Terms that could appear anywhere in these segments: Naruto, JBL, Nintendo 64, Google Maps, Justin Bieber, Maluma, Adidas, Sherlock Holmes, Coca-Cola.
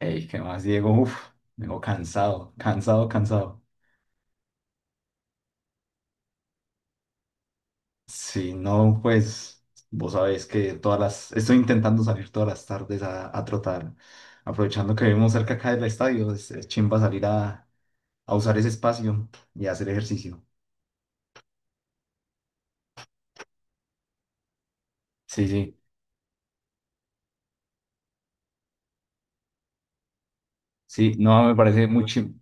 Ey, ¿qué más, Diego? Uf, vengo cansado, cansado, cansado. Si no, pues vos sabés que todas las... Estoy intentando salir todas las tardes a trotar. Aprovechando que vivimos cerca acá del estadio, es chimba salir a usar ese espacio y hacer ejercicio. Sí, sí, sí. No, me parece muy,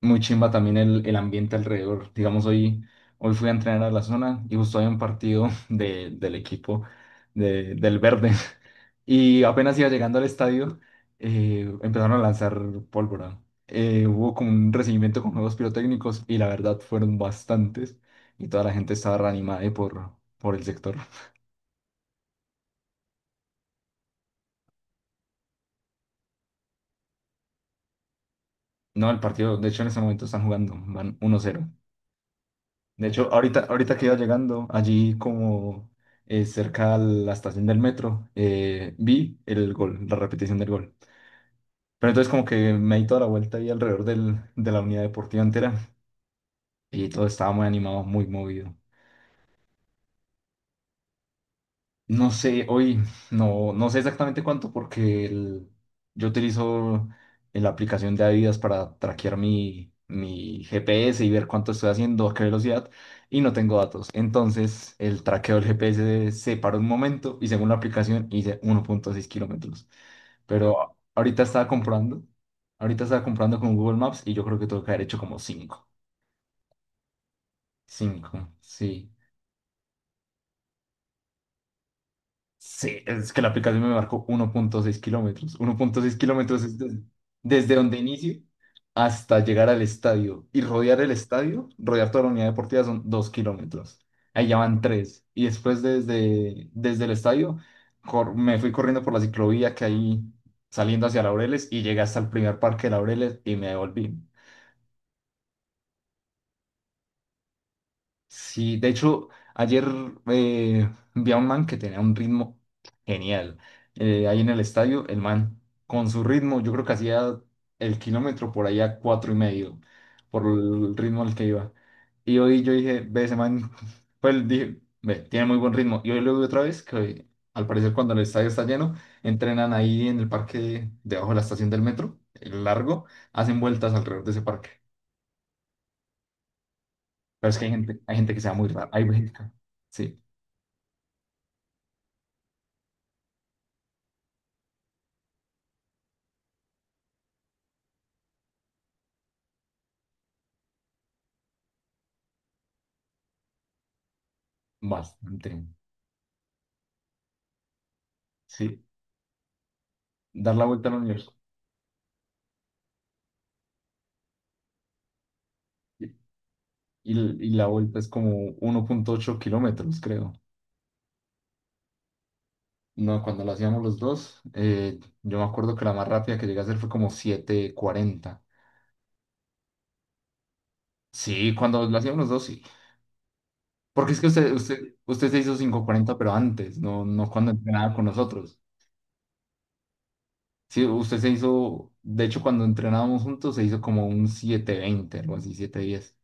muy chimba también el ambiente alrededor. Digamos, hoy fui a entrenar a la zona y justo había un partido del equipo del verde. Y apenas iba llegando al estadio, empezaron a lanzar pólvora. Hubo como un recibimiento con juegos pirotécnicos y la verdad fueron bastantes y toda la gente estaba reanimada por el sector. No, el partido, de hecho en ese momento están jugando, van 1-0. De hecho, ahorita que iba llegando allí como cerca a la estación del metro, vi el gol, la repetición del gol. Pero entonces como que me di toda la vuelta ahí alrededor de la unidad deportiva entera y todo estaba muy animado, muy movido. No sé, hoy no, no sé exactamente cuánto porque yo utilizo la aplicación de Adidas para traquear mi GPS y ver cuánto estoy haciendo, a qué velocidad, y no tengo datos. Entonces, el traqueo del GPS se paró un momento y según la aplicación hice 1.6 kilómetros. Pero ahorita estaba comprando con Google Maps y yo creo que tengo que haber hecho como cinco, 5 sí. Sí, es que la aplicación me marcó 1.6 kilómetros. 1.6 kilómetros es desde, donde inicio hasta llegar al estadio. Y rodear el estadio, rodear toda la unidad deportiva son 2 kilómetros. Ahí ya van 3. Y después desde, desde el estadio me fui corriendo por la ciclovía que hay saliendo hacia Laureles y llegué hasta el primer parque de Laureles y me devolví. Sí, de hecho, ayer vi a un man que tenía un ritmo genial. Ahí en el estadio, el man con su ritmo, yo creo que hacía el kilómetro por allá cuatro y medio, por el ritmo al que iba. Y hoy yo dije, ve ese man, pues dije, ve, tiene muy buen ritmo. Y hoy lo vi otra vez, que al parecer cuando el estadio está lleno, entrenan ahí en el parque debajo de la estación del metro, el largo, hacen vueltas alrededor de ese parque. Pero es que hay gente que se va muy rara. Hay gente, sí. Bastante, sí, dar la vuelta al universo. Y, y la vuelta es como 1.8 kilómetros, creo. No, cuando la hacíamos los dos, yo me acuerdo que la más rápida que llegué a hacer fue como 7:40. Sí, cuando la hacíamos los dos, sí. Porque es que usted se hizo 5:40 pero antes, no, no cuando entrenaba con nosotros. Sí, usted se hizo, de hecho, cuando entrenábamos juntos, se hizo como un 7:20 algo así, 7:10.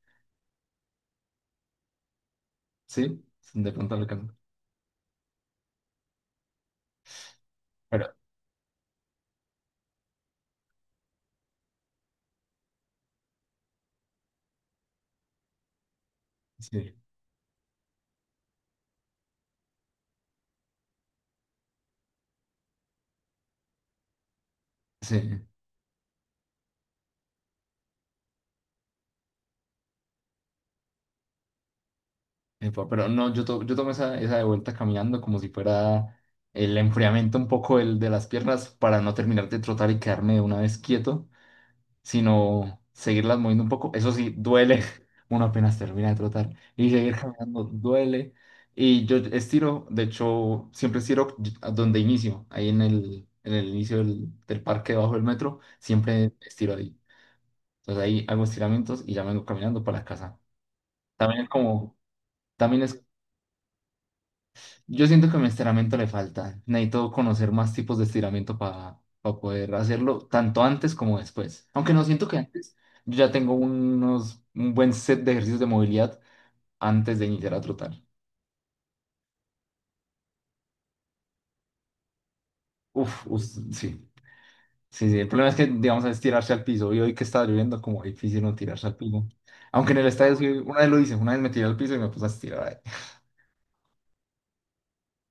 Sí, de pronto le alcanzó. Pero sí, sí. Epa, pero no, yo, yo tomé esa de vuelta caminando como si fuera el enfriamiento un poco el de las piernas para no terminar de trotar y quedarme de una vez quieto, sino seguirlas moviendo un poco. Eso sí, duele. Uno apenas termina de trotar y seguir caminando duele. Y yo estiro, de hecho, siempre estiro a donde inicio, ahí en el inicio del parque debajo del metro, siempre estiro ahí. Entonces ahí hago estiramientos y ya vengo caminando para la casa. También es como... También es, yo siento que mi estiramiento le falta. Necesito conocer más tipos de estiramiento para poder hacerlo, tanto antes como después. Aunque no siento que antes, yo ya tengo unos, un buen set de ejercicios de movilidad antes de iniciar a trotar. Uf, sí. Sí, sí. El problema es que, digamos, es tirarse al piso. Y hoy que está lloviendo, como difícil no tirarse al piso. Aunque en el estadio, sí, una vez lo hice, una vez me tiré al piso y me puse a estirar.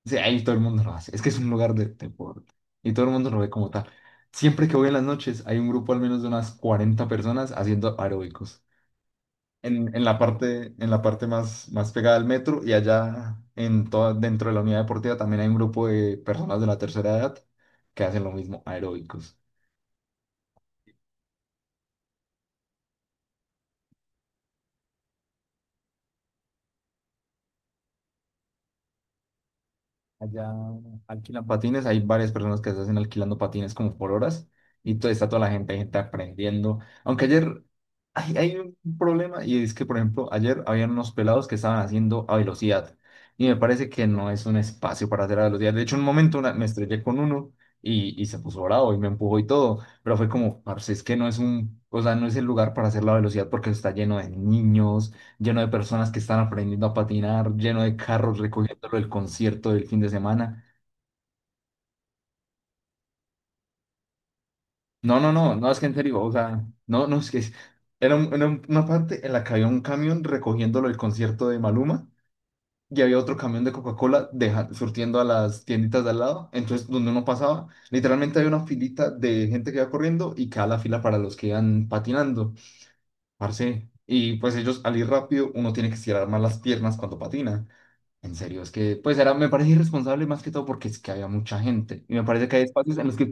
Sí, ahí todo el mundo lo hace. Es que es un lugar de deporte y todo el mundo lo ve como tal. Siempre que voy en las noches hay un grupo al menos de unas 40 personas haciendo aeróbicos en la parte, en la parte más, más pegada al metro y allá en toda, dentro de la unidad deportiva también hay un grupo de personas de la tercera edad que hacen lo mismo, aeróbicos. Allá alquilan patines, hay varias personas que se hacen alquilando patines como por horas y todo, está toda la gente, hay gente aprendiendo. Aunque ayer hay un problema y es que, por ejemplo, ayer habían unos pelados que estaban haciendo a velocidad y me parece que no es un espacio para hacer a velocidad. De hecho, en un momento me estrellé con uno y se puso bravo y me empujó y todo, pero fue como, parce, es que no es un, o sea, no es el lugar para hacer la velocidad porque está lleno de niños, lleno de personas que están aprendiendo a patinar, lleno de carros recogiéndolo el concierto del fin de semana. No, no, no, no, es que en serio, o sea, no, no, era, era una parte en la que había un camión recogiéndolo el concierto de Maluma y había otro camión de Coca-Cola surtiendo a las tienditas de al lado. Entonces, donde uno pasaba, literalmente había una filita de gente que iba corriendo y quedaba la fila para los que iban patinando, parce. Y pues ellos al ir rápido, uno tiene que estirar más las piernas cuando patina. En serio, es que pues era, me parece irresponsable más que todo porque es que había mucha gente. Y me parece que hay espacios en los que,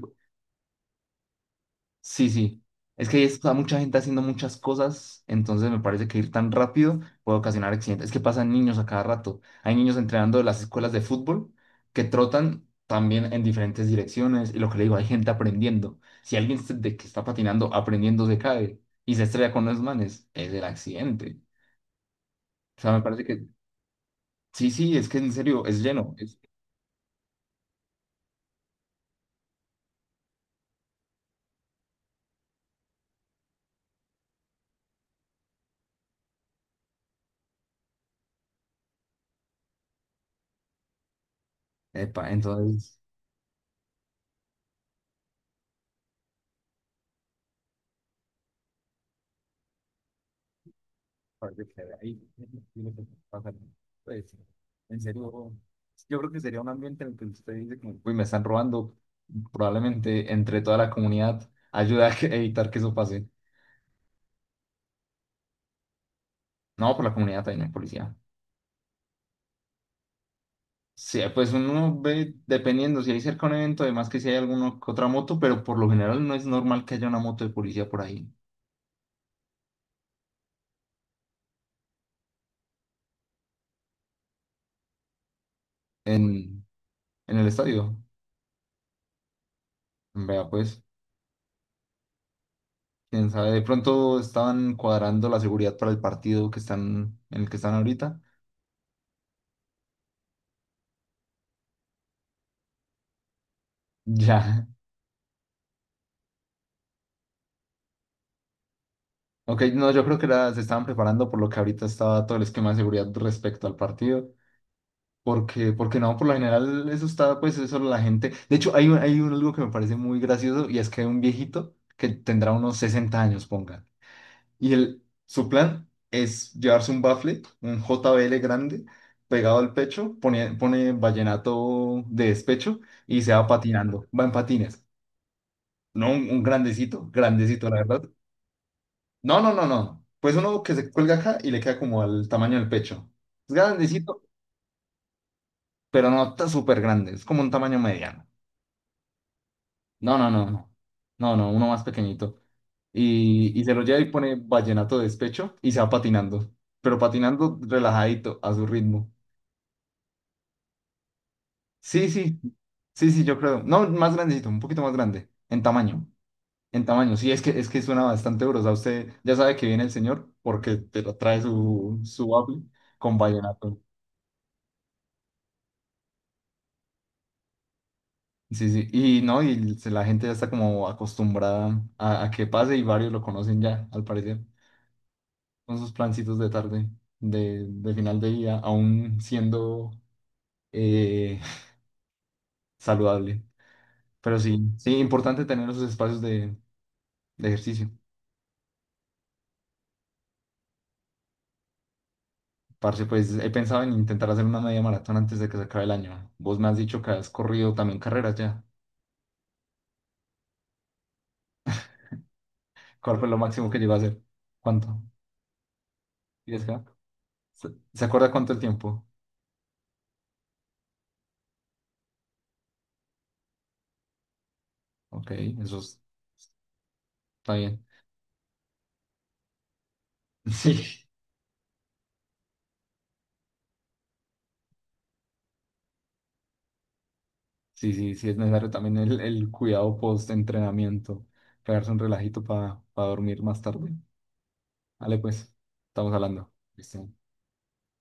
sí, sí, es que hay mucha gente haciendo muchas cosas, entonces me parece que ir tan rápido puede ocasionar accidentes. Es que pasan niños a cada rato. Hay niños entrenando en las escuelas de fútbol que trotan también en diferentes direcciones. Y lo que le digo, hay gente aprendiendo. Si alguien de que está patinando aprendiendo se cae y se estrella con los manes, es el accidente. O sea, me parece que, sí, sí, es que en serio, es lleno. Epa, entonces... Aparte que ahí tiene que pasar. Pues, en serio, yo creo que sería un ambiente en el que usted dice, como, uy, me están robando. Probablemente entre toda la comunidad ayuda a evitar que eso pase. No, por la comunidad también hay policía. Sí, pues uno ve, dependiendo, si hay cerca un evento, además que si hay alguna que otra moto, pero por lo general no es normal que haya una moto de policía por ahí en, en el estadio. Vea, pues, quién sabe, de pronto estaban cuadrando la seguridad para el partido que están, en el que están ahorita. Ya. Ok, no, yo creo que se estaban preparando por lo que ahorita estaba todo el esquema de seguridad respecto al partido. Porque, porque no, por lo general eso está, pues eso la gente. De hecho, algo que me parece muy gracioso y es que un viejito que tendrá unos 60 años, ponga. Y él, su plan es llevarse un bafle, un JBL grande, pegado al pecho, pone vallenato de despecho y se va patinando, va en patines. No, un grandecito, grandecito, la verdad. No, no, no, no. Pues uno que se cuelga acá y le queda como al tamaño del pecho. Es grandecito, pero no está súper grande. Es como un tamaño mediano. No, no, no, no. No, no, uno más pequeñito. Y se lo lleva y pone vallenato de despecho y se va patinando. Pero patinando relajadito, a su ritmo. Sí, sí. Sí, sí, yo creo. No, más grandecito, un poquito más grande. En tamaño. En tamaño. Sí, es que suena bastante duro. O sea, usted ya sabe que viene el señor porque te lo trae su waffle con vallenato. Sí, sí, y no, la gente ya está como acostumbrada a que pase y varios lo conocen ya, al parecer, con sus plancitos de tarde, de final de día, aún siendo eh, saludable. Pero sí, sí, importante tener esos espacios de ejercicio. Parce, pues he pensado en intentar hacer una media maratón antes de que se acabe el año. Vos me has dicho que has corrido también carreras ya. ¿Cuál fue lo máximo que llevas a hacer? ¿Cuánto? ¿10K? ¿Se, se acuerda cuánto el tiempo? Ok, eso está bien. Sí. Sí, sí, sí, es necesario también el cuidado post-entrenamiento, pegarse un relajito para dormir más tarde. Vale, pues, estamos hablando. Listo.